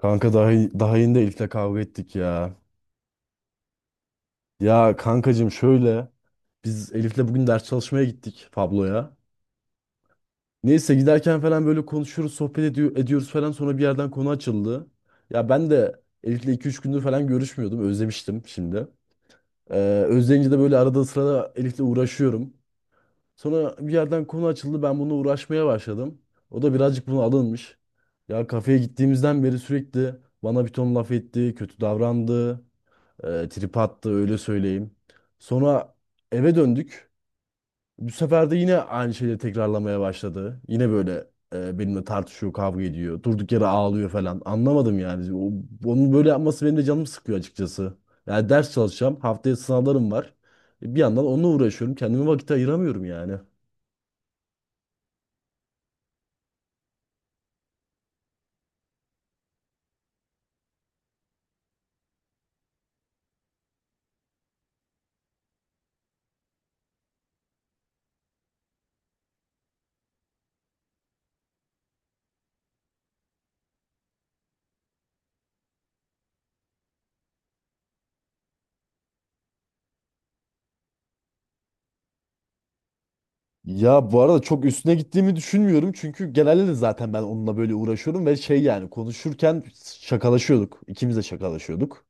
Kanka daha yeni de Elif'le kavga ettik ya. Ya kankacığım şöyle biz Elif'le bugün ders çalışmaya gittik Pablo'ya. Neyse giderken falan böyle konuşuyoruz, sohbet ediyoruz falan sonra bir yerden konu açıldı. Ya ben de Elif'le iki üç gündür falan görüşmüyordum. Özlemiştim şimdi. Ee, Özleyince de böyle arada sırada Elif'le uğraşıyorum. Sonra bir yerden konu açıldı. Ben bununla uğraşmaya başladım. O da birazcık buna alınmış. Ya kafeye gittiğimizden beri sürekli bana bir ton laf etti, kötü davrandı. E, trip attı öyle söyleyeyim. Sonra eve döndük. Bu sefer de yine aynı şeyleri tekrarlamaya başladı. Yine böyle benimle tartışıyor, kavga ediyor. Durduk yere ağlıyor falan. Anlamadım yani. Onun böyle yapması benim de canımı sıkıyor açıkçası. Yani ders çalışacağım. Haftaya sınavlarım var. Bir yandan onunla uğraşıyorum. Kendime vakit ayıramıyorum yani. Ya bu arada çok üstüne gittiğimi düşünmüyorum. Çünkü genelde de zaten ben onunla böyle uğraşıyorum ve şey yani konuşurken şakalaşıyorduk. İkimiz de şakalaşıyorduk.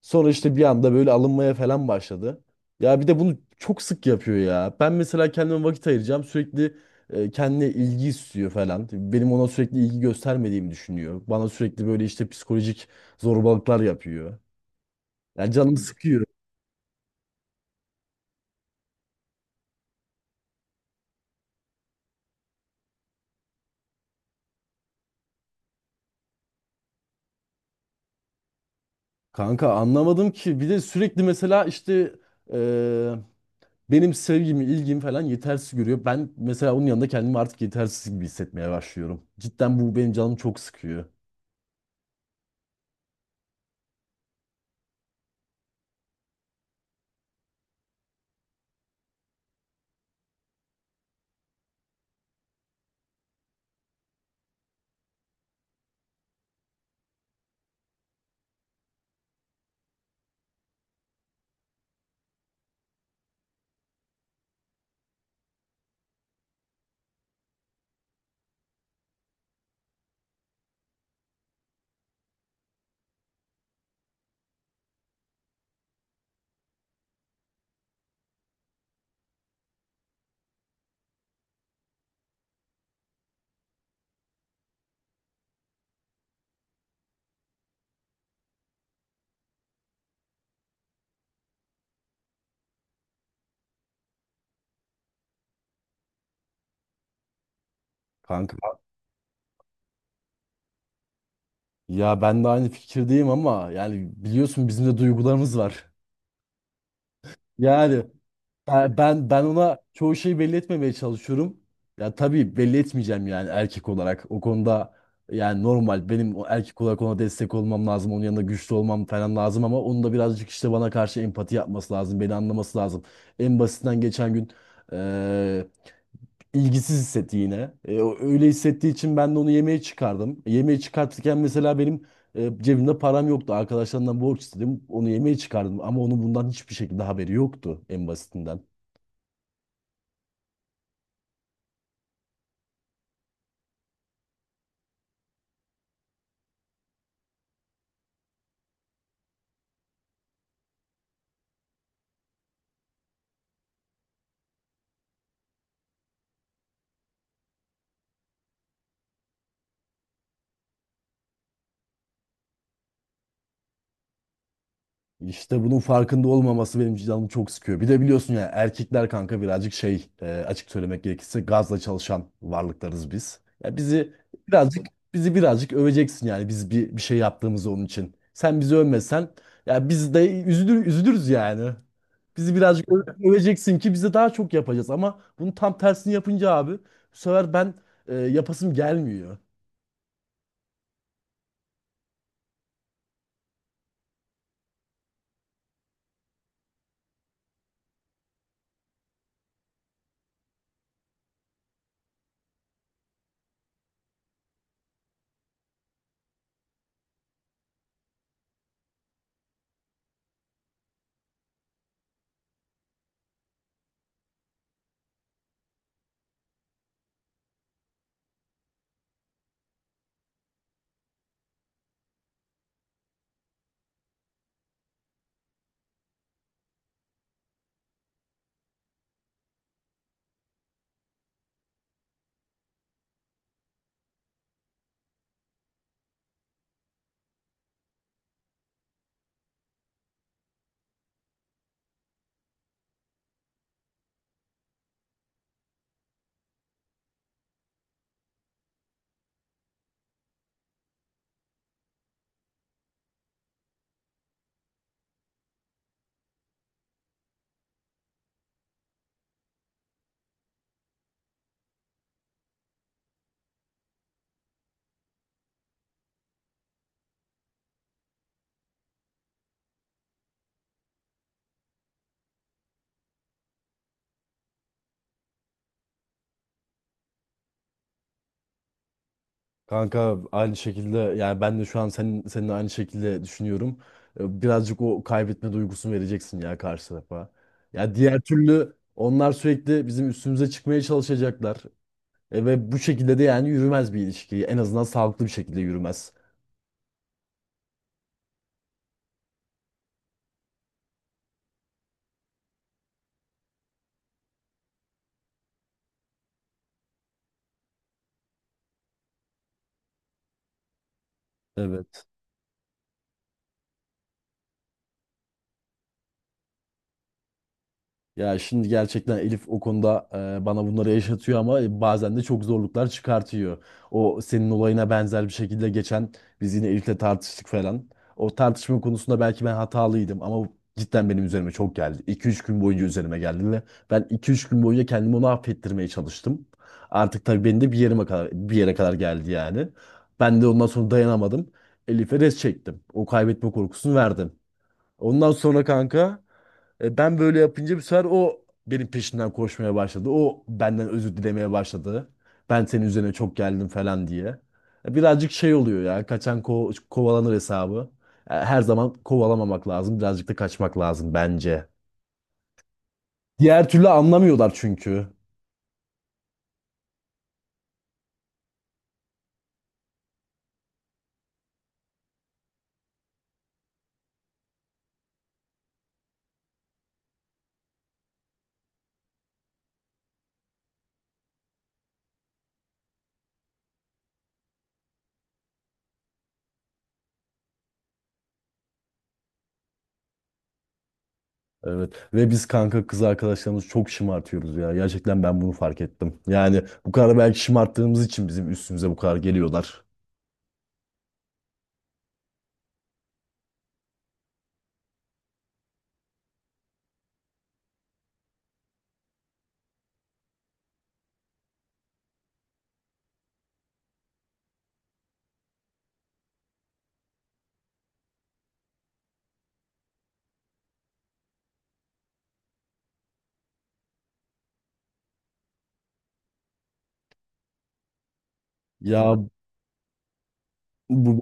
Sonra işte bir anda böyle alınmaya falan başladı. Ya bir de bunu çok sık yapıyor ya. Ben mesela kendime vakit ayıracağım. Sürekli kendine ilgi istiyor falan. Benim ona sürekli ilgi göstermediğimi düşünüyor. Bana sürekli böyle işte psikolojik zorbalıklar yapıyor. Ya canımı sıkıyor. Kanka anlamadım ki. Bir de sürekli mesela işte e, benim sevgimi, ilgimi falan yetersiz görüyor. Ben mesela onun yanında kendimi artık yetersiz gibi hissetmeye başlıyorum. Cidden bu benim canımı çok sıkıyor. Kanka. Ya ben de aynı fikirdeyim ama yani biliyorsun bizim de duygularımız var. Yani ben ona çoğu şeyi belli etmemeye çalışıyorum. Ya tabii belli etmeyeceğim yani erkek olarak. O konuda yani normal benim o erkek olarak ona destek olmam lazım. Onun yanında güçlü olmam falan lazım ama onun da birazcık işte bana karşı empati yapması lazım. Beni anlaması lazım. En basitinden geçen gün e, ilgisiz hissetti yine. Öyle hissettiği için ben de onu yemeğe çıkardım. Yemeğe çıkartırken mesela benim cebimde param yoktu. Arkadaşlarımdan borç istedim. Onu yemeğe çıkardım. Ama onun bundan hiçbir şekilde haberi yoktu en basitinden. İşte bunun farkında olmaması benim canımı çok sıkıyor. Bir de biliyorsun ya erkekler kanka birazcık şey açık söylemek gerekirse gazla çalışan varlıklarız biz. Ya birazcık bizi birazcık öveceksin yani biz bir şey yaptığımız onun için. Sen bizi övmesen ya biz de üzülürüz yani. Bizi birazcık öveceksin ki bize daha çok yapacağız ama bunu tam tersini yapınca abi bu sefer ben yapasım gelmiyor. Kanka aynı şekilde yani ben de şu an seninle aynı şekilde düşünüyorum. Birazcık o kaybetme duygusunu vereceksin ya karşı tarafa. Ya diğer türlü onlar sürekli bizim üstümüze çıkmaya çalışacaklar. E ve bu şekilde de yani yürümez bir ilişki. En azından sağlıklı bir şekilde yürümez. Evet. Ya şimdi gerçekten Elif o konuda bana bunları yaşatıyor ama bazen de çok zorluklar çıkartıyor. O senin olayına benzer bir şekilde geçen biz yine Elif'le tartıştık falan. O tartışma konusunda belki ben hatalıydım ama bu cidden benim üzerime çok geldi. iki üç gün boyunca üzerime geldi ve ben iki üç gün boyunca kendimi onu affettirmeye çalıştım. Artık tabii beni de bir yere kadar geldi yani. Ben de ondan sonra dayanamadım. Elif'e res çektim. O kaybetme korkusunu verdim. Ondan sonra kanka ben böyle yapınca bir sefer o benim peşimden koşmaya başladı. O benden özür dilemeye başladı. Ben senin üzerine çok geldim falan diye. E, birazcık şey oluyor ya. Kaçan kovalanır hesabı. Her zaman kovalamamak lazım. Birazcık da kaçmak lazım bence. Diğer türlü anlamıyorlar çünkü. Evet ve biz kanka kız arkadaşlarımızı çok şımartıyoruz ya. Gerçekten ben bunu fark ettim. Yani bu kadar belki şımarttığımız için bizim üstümüze bu kadar geliyorlar. Ya bu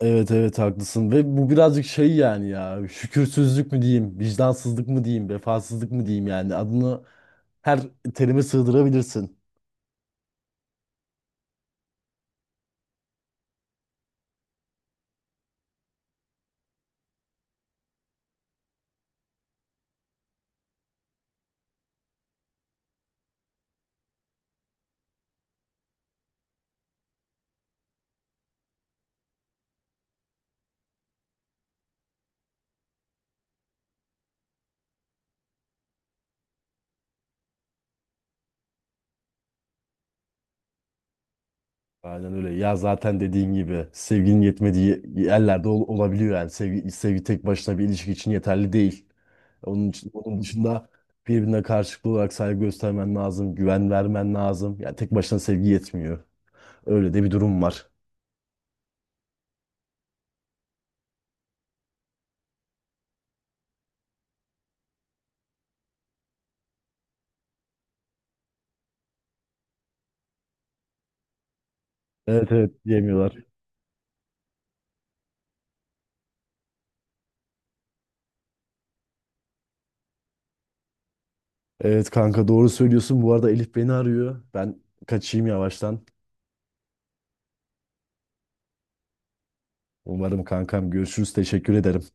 Evet evet haklısın ve bu birazcık şey yani ya şükürsüzlük mü diyeyim, vicdansızlık mı diyeyim, vefasızlık mı diyeyim yani adını her terime sığdırabilirsin. Aynen öyle ya zaten dediğin gibi sevginin yetmediği yerlerde olabiliyor yani sevgi tek başına bir ilişki için yeterli değil. Onun için, onun dışında birbirine karşılıklı olarak saygı göstermen lazım, güven vermen lazım. Yani tek başına sevgi yetmiyor. Öyle de bir durum var. Evet, evet diyemiyorlar. Evet kanka doğru söylüyorsun. Bu arada Elif beni arıyor. Ben kaçayım yavaştan. Umarım kankam, görüşürüz. Teşekkür ederim.